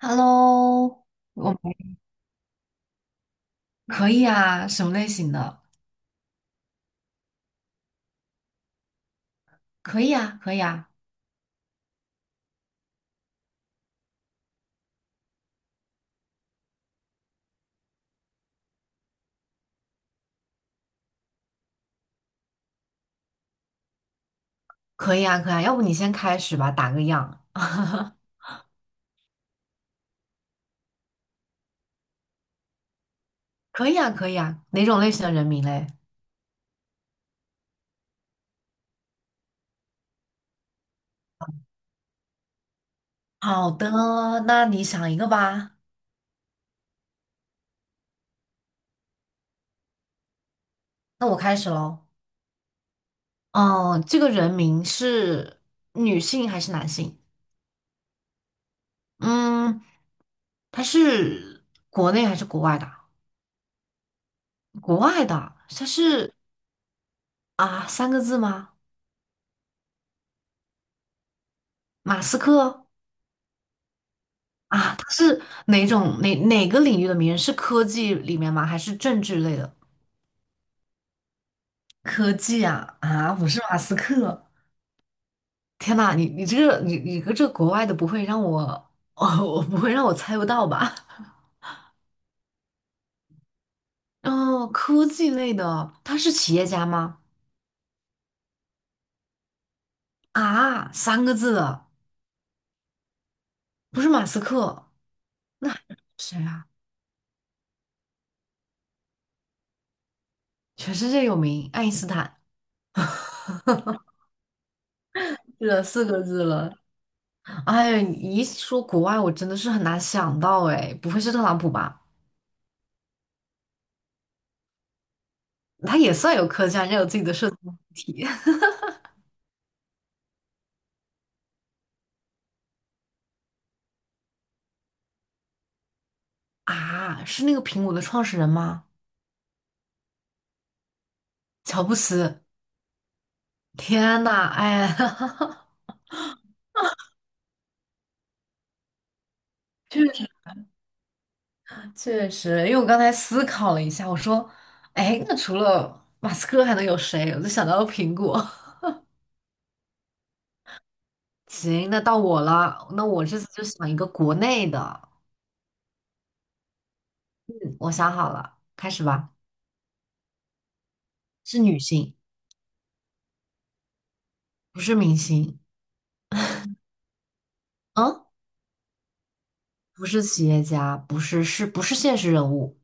Hello，我们可以啊，什么类型的？可以啊，可以啊，可以啊，可以啊。要不你先开始吧，打个样。可以啊，可以啊。哪种类型的人名嘞？好的，那你想一个吧。那我开始喽。哦，这个人名是女性还是男性？嗯，他是国内还是国外的？国外的，他是啊，三个字吗？马斯克。啊，他是哪种哪哪个领域的名人？是科技里面吗？还是政治类的？科技啊啊，不是马斯克。天呐，你这个国外的不会让我 哦，我不会让我猜不到吧？哦，科技类的，他是企业家吗？啊，三个字的，不是马斯克，谁啊？全世界有名，爱因斯坦。是的，四个字了。哎呀，你一说国外，我真的是很难想到哎，不会是特朗普吧？它也算有科技啊，人家有自己的设计媒体 啊。是那个苹果的创始人吗？乔布斯。天呐，哎，确实确实，因为我刚才思考了一下，我说，哎，那除了马斯克还能有谁？我就想到了苹果。行，那到我了，那我这次就想一个国内的，我想好了，开始吧。是女性，不是明星，嗯，不是企业家，不是现实人物，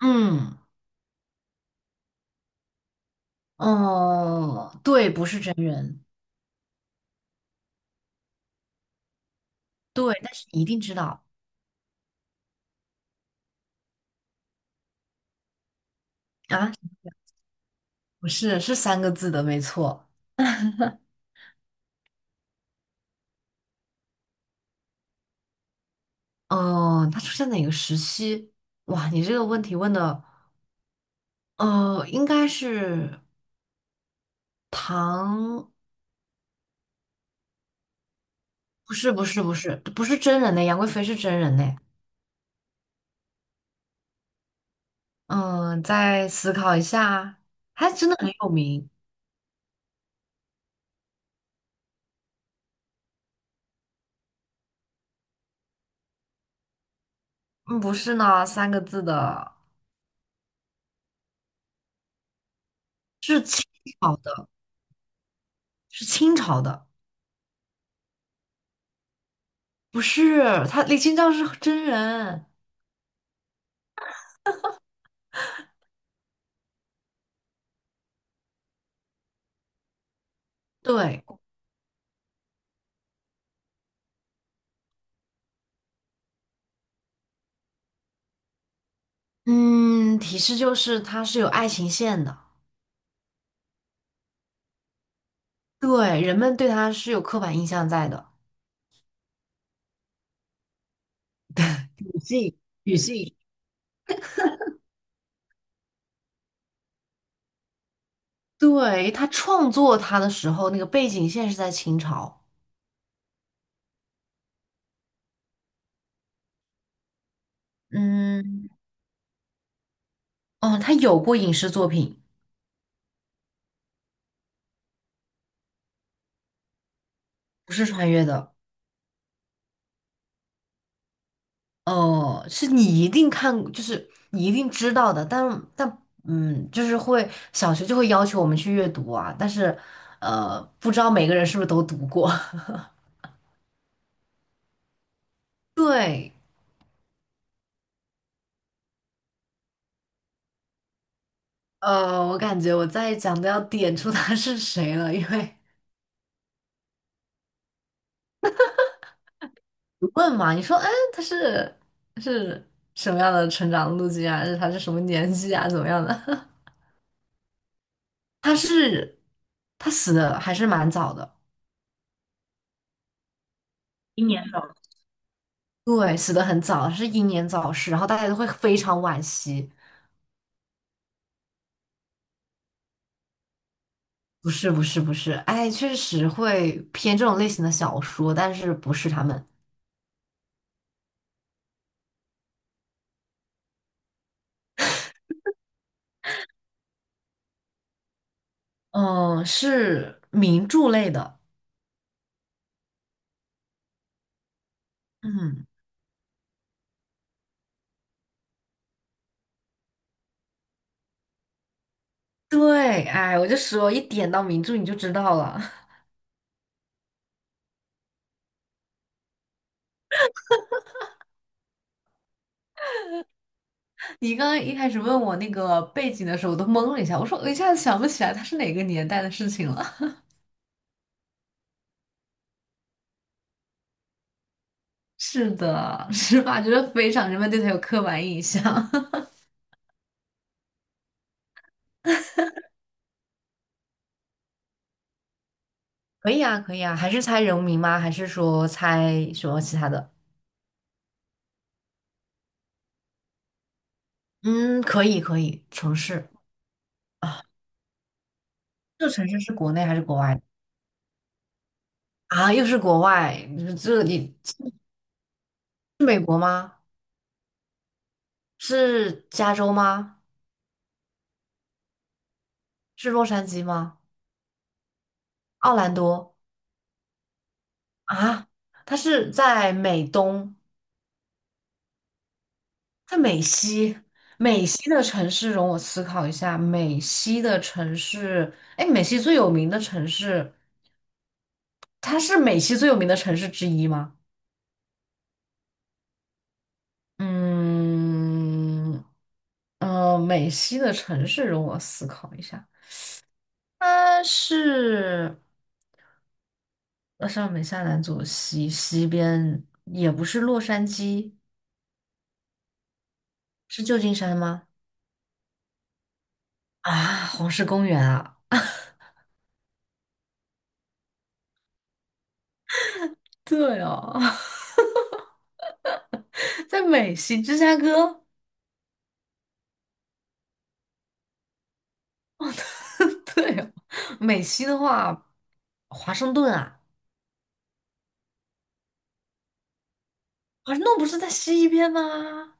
嗯。哦，对，不是真人，对，但是你一定知道啊，不是，是三个字的，没错。嗯、它出现哪个时期？哇，你这个问题问的，应该是唐，不是，不是，不是，不是真人的，杨贵妃是真人的。嗯，再思考一下，还真的很有名。嗯，不是呢，三个字的，是清朝的，是清朝的，不是，他李清照是真人，对。嗯，提示就是它是有爱情线的，对，人们对它是有刻板印象在的。女性，女性，对，他创作它的时候，那个背景线是在清朝。嗯，哦，他有过影视作品，不是穿越的，哦，是你一定看，就是你一定知道的，但但嗯，就是会小学就会要求我们去阅读啊，但是不知道每个人是不是都读过。对。我感觉我再讲都要点出他是谁了，因为你问嘛，你说，哎，他是什么样的成长路径啊？是他是什么年纪啊？怎么样的？他是他死的还是蛮早的，对，死的很早，是英年早逝，然后大家都会非常惋惜。不是不是不是，哎，确实会偏这种类型的小说，但是不是他们，嗯，是名著类的，嗯，对，哎，我就说一点到名著你就知道了。你刚刚一开始问我那个背景的时候，我都懵了一下，我说我一下子想不起来它是哪个年代的事情了。是的，是吧？觉得非常人们对它有刻板印象。可以啊，可以啊，还是猜人名吗？还是说猜什么其他的？嗯，可以，可以，城市。这个城市是国内还是国外的？啊，又是国外，这你是美国吗？是加州吗？是洛杉矶吗？奥兰多啊？他是在美东，在美西，美西的城市容我思考一下，美西的城市，哎，美西最有名的城市，它是美西最有名的城市之一吗？嗯，美西的城市容我思考一下，它是上北下南左西，西边也不是洛杉矶，是旧金山吗？啊，黄石公园啊，对哦，在美西，芝加哥。对哦美西的话，华盛顿啊，华盛顿不是在西边吗？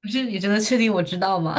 不是，你真的确定我知道吗？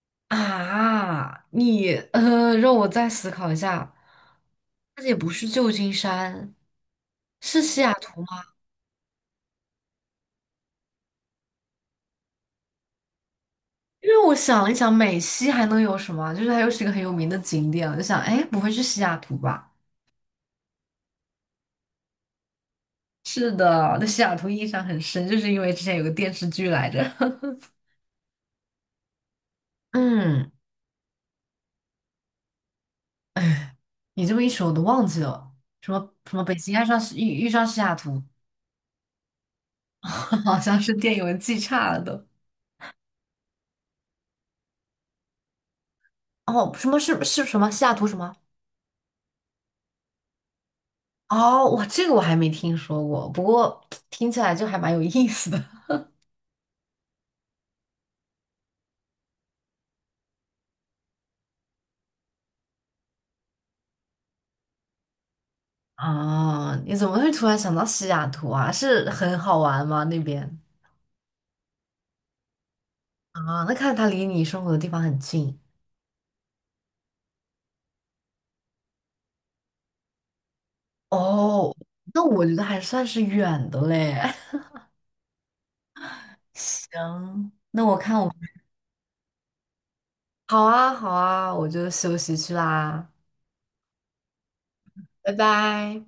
啊，你让我再思考一下，那也不是旧金山，是西雅图吗？因为我想了一想，美西还能有什么啊？就是还有几个很有名的景点，我就想，哎，不会是西雅图吧？是的，对西雅图印象很深，就是因为之前有个电视剧来着。嗯，哎你这么一说，我都忘记了，什么什么北京爱上西遇上西雅图，好像是电影文记差了都。哦，什么是什么西雅图什么？哦，哇，这个我还没听说过，不过听起来就还蛮有意思的。啊，你怎么会突然想到西雅图啊？是很好玩吗？那边啊，那看来它离你生活的地方很近哦。那我觉得还算是远的嘞。行，那我看我好啊，好啊，我就休息去啦，拜拜。